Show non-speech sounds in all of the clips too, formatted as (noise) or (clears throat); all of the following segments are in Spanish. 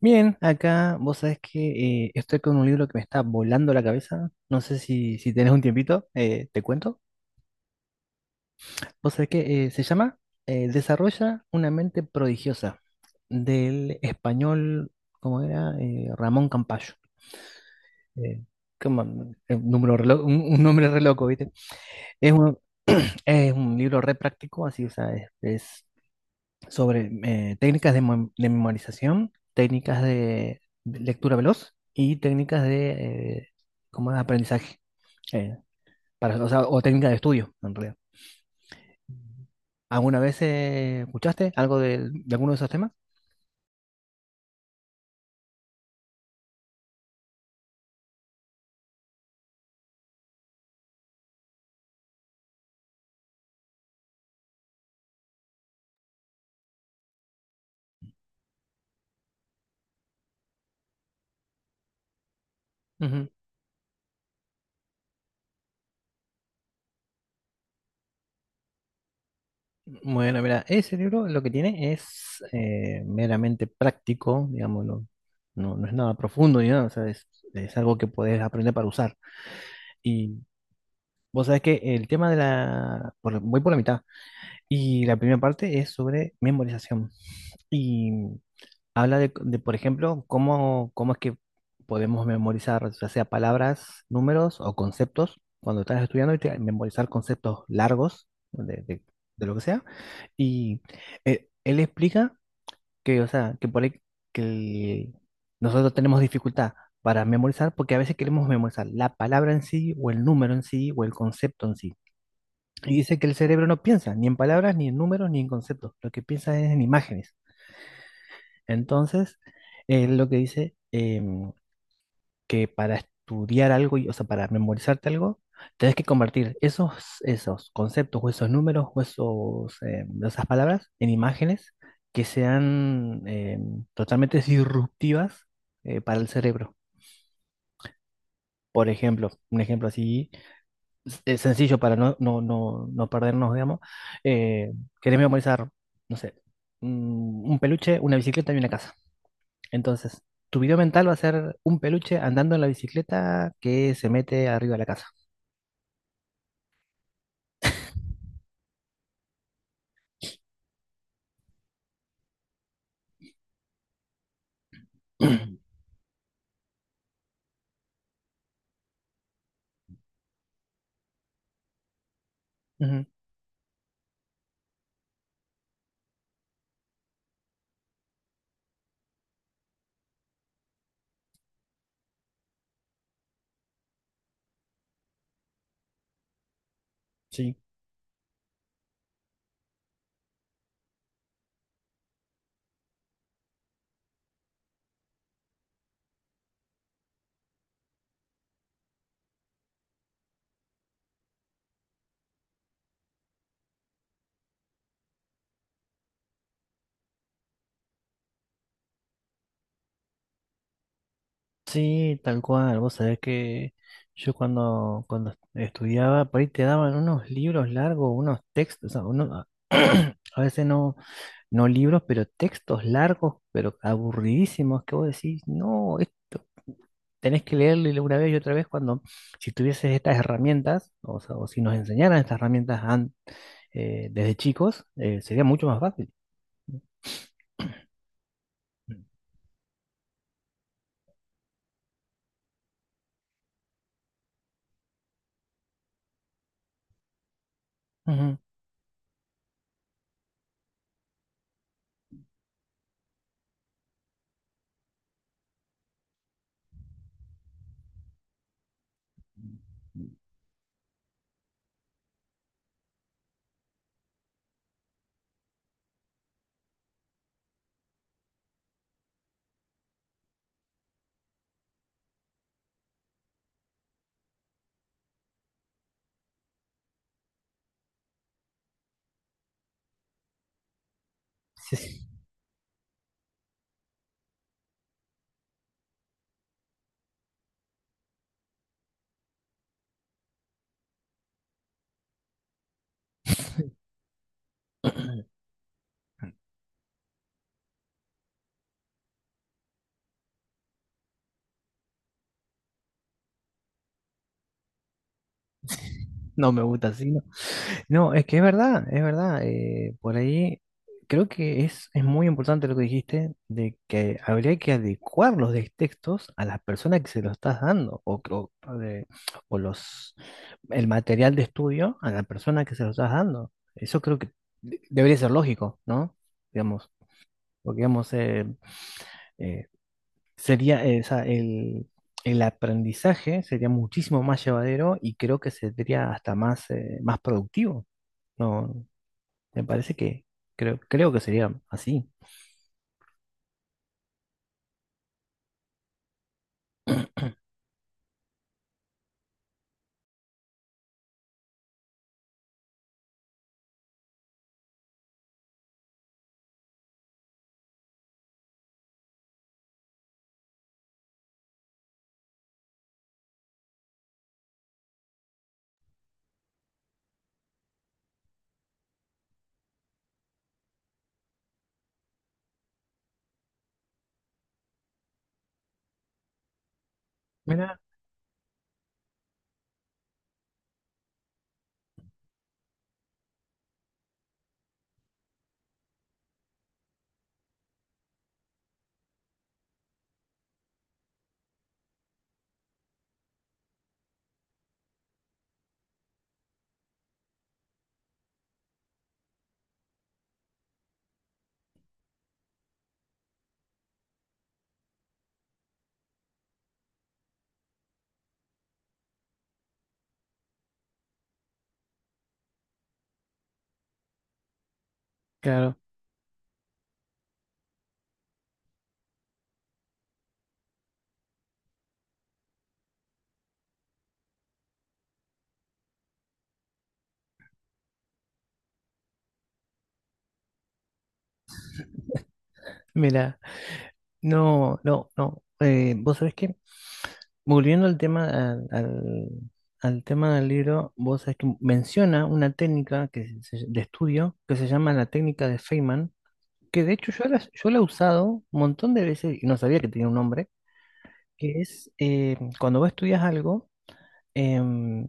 Bien, acá vos sabés que estoy con un libro que me está volando la cabeza. No sé si tenés un tiempito, te cuento. Vos sabés que se llama Desarrolla una mente prodigiosa, del español, ¿cómo era? Ramón Campayo. Eh, ¿Cómo? Un número re lo- un nombre re loco, ¿viste? Es un, (clears throat) es un libro re práctico, así, o sea, es, sobre técnicas de, mem- de memorización, técnicas de lectura veloz y técnicas de como de aprendizaje, eh, para, o sea, o técnicas de estudio, en realidad. ¿Alguna vez escuchaste algo del- de, alguno de esos temas? Ujú. Bueno, mira, ese libro lo que tiene es meramente práctico, digamos, no, no es nada profundo ni nada, o sea, es algo que puedes aprender para usar. Y vos sabés que el tema de la, por- voy por la mitad. Y la primera parte es sobre memorización. Y habla de, por ejemplo, cómo es que podemos memorizar, ya sea palabras, números o conceptos, cuando estás estudiando y te- memorizar conceptos largos de lo que sea. Y él explica o sea, que por ahí que el- nosotros tenemos dificultad para memorizar porque a veces queremos memorizar la palabra en sí o el número en sí o el concepto en sí. Y dice que el cerebro no piensa ni en palabras, ni en números, ni en conceptos. Lo que piensa es en imágenes. Entonces, él lo que dice que para estudiar algo, y- o sea, para memorizarte algo, tenés que convertir esos conceptos o esos números o esas palabras en imágenes que sean totalmente disruptivas para el cerebro. Por ejemplo, un ejemplo así es sencillo para no perdernos, digamos. Eh, querés memorizar, no sé, un peluche, una bicicleta y una casa. Entonces, tu video mental va a ser un peluche andando en la bicicleta que se mete arriba de la casa. (clears throat) Ujú. Sí, sí, tal cual. Vos sabés que yo cuando est- estudiaba, por ahí te daban unos libros largos, unos textos, o sea, uno- (clears throat) a veces no libros, pero textos largos, pero aburridísimos, que vos decís, no, esto tenés que leerlo y una vez y otra vez cuando si tuvieses estas herramientas, o sea, o si nos enseñaran estas herramientas an- desde chicos, sería mucho más fácil. Ujú. Sí, sí. (laughs) (clears throat) No me gusta así, no. No, es que es verdad, es verdad. Por ahí creo que es muy importante lo que dijiste, de que habría que adecuar los de- textos a las personas que se lo estás dando, de- o los, el material de estudio a la persona que se lo estás dando. Eso creo que de- debería ser lógico, ¿no? Digamos, porque digamos, eh, sería, o sea, el aprendizaje sería muchísimo más llevadero y creo que sería hasta más, más productivo. No. Me parece que creo que sería así. Mira, claro, mira, no. Vos sabés que, volviendo al tema, al tema del libro, vos sabés que menciona una técnica que se- de estudio que se llama la técnica de Feynman, que de hecho yo la he usado un montón de veces y no sabía que tenía un nombre, que es cuando vos estudias algo, em,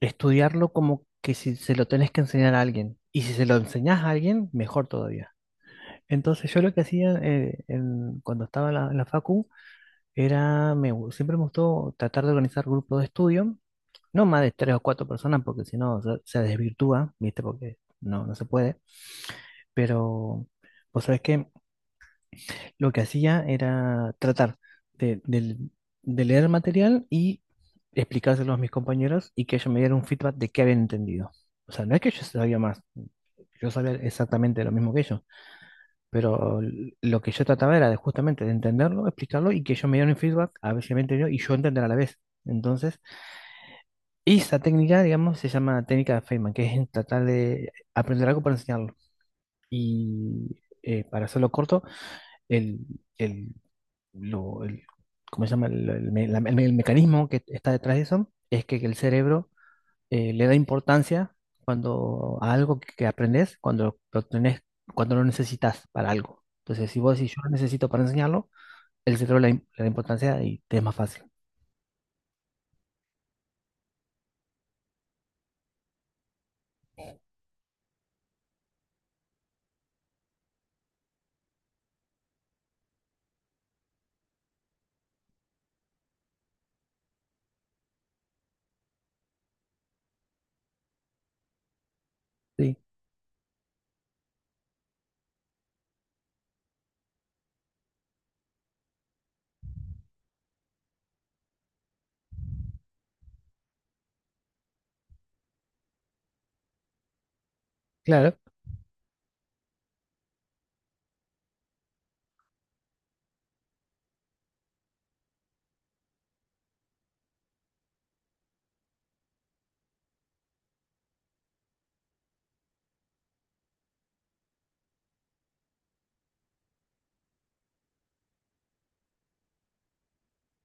estudiarlo como que si se lo tenés que enseñar a alguien. Y si se lo enseñás a alguien, mejor todavía. Entonces yo lo que hacía en- cuando estaba en la facu era, siempre me gustó tratar de organizar grupos de estudio, no más de tres o cuatro personas porque si no se desvirtúa, ¿viste? Porque no se puede, pero pues sabes que lo que hacía era tratar de, del- de leer el material y explicárselo a mis compañeros y que ellos me dieran un feedback de qué habían entendido. O sea, no es que yo sabía más, yo sabía exactamente lo mismo que ellos, pero lo que yo trataba era de justamente de entenderlo, explicarlo y que ellos me dieran un feedback, a ver si me entendió y yo entender a la vez. Entonces, esa técnica, digamos, se llama técnica de Feynman, que es tratar de aprender algo para enseñarlo. Y para hacerlo corto, el, el, lo- el- ¿cómo se llama? El me- la- el me- el mecanismo que está detrás de eso es que el cerebro le da importancia cuando a algo que aprendes, cuando lo tenés, cuando lo necesitas para algo. Entonces, si vos decís, yo lo necesito para enseñarlo, el cerebro le da importancia y te es más fácil. Sí, claro.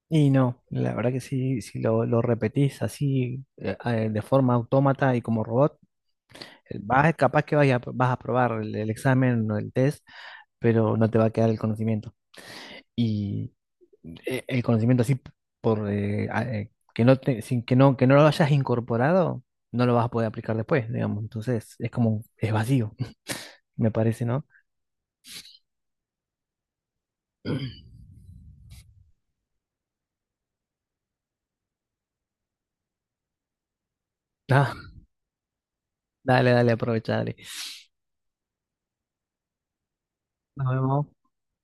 Y no, la verdad que sí, si lo repetís así de forma autómata y como robot, vas, capaz que vaya- vas a probar el examen o el test, pero no te va a quedar el conocimiento. Y el conocimiento así por que no te- sin que no lo hayas incorporado, no lo vas a poder aplicar después, digamos. Entonces, es como es vacío, (laughs) me parece, ¿no? (clears throat) Ah, dale, dale, aprovecha, dale. Nos vemos.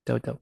Chau, chau.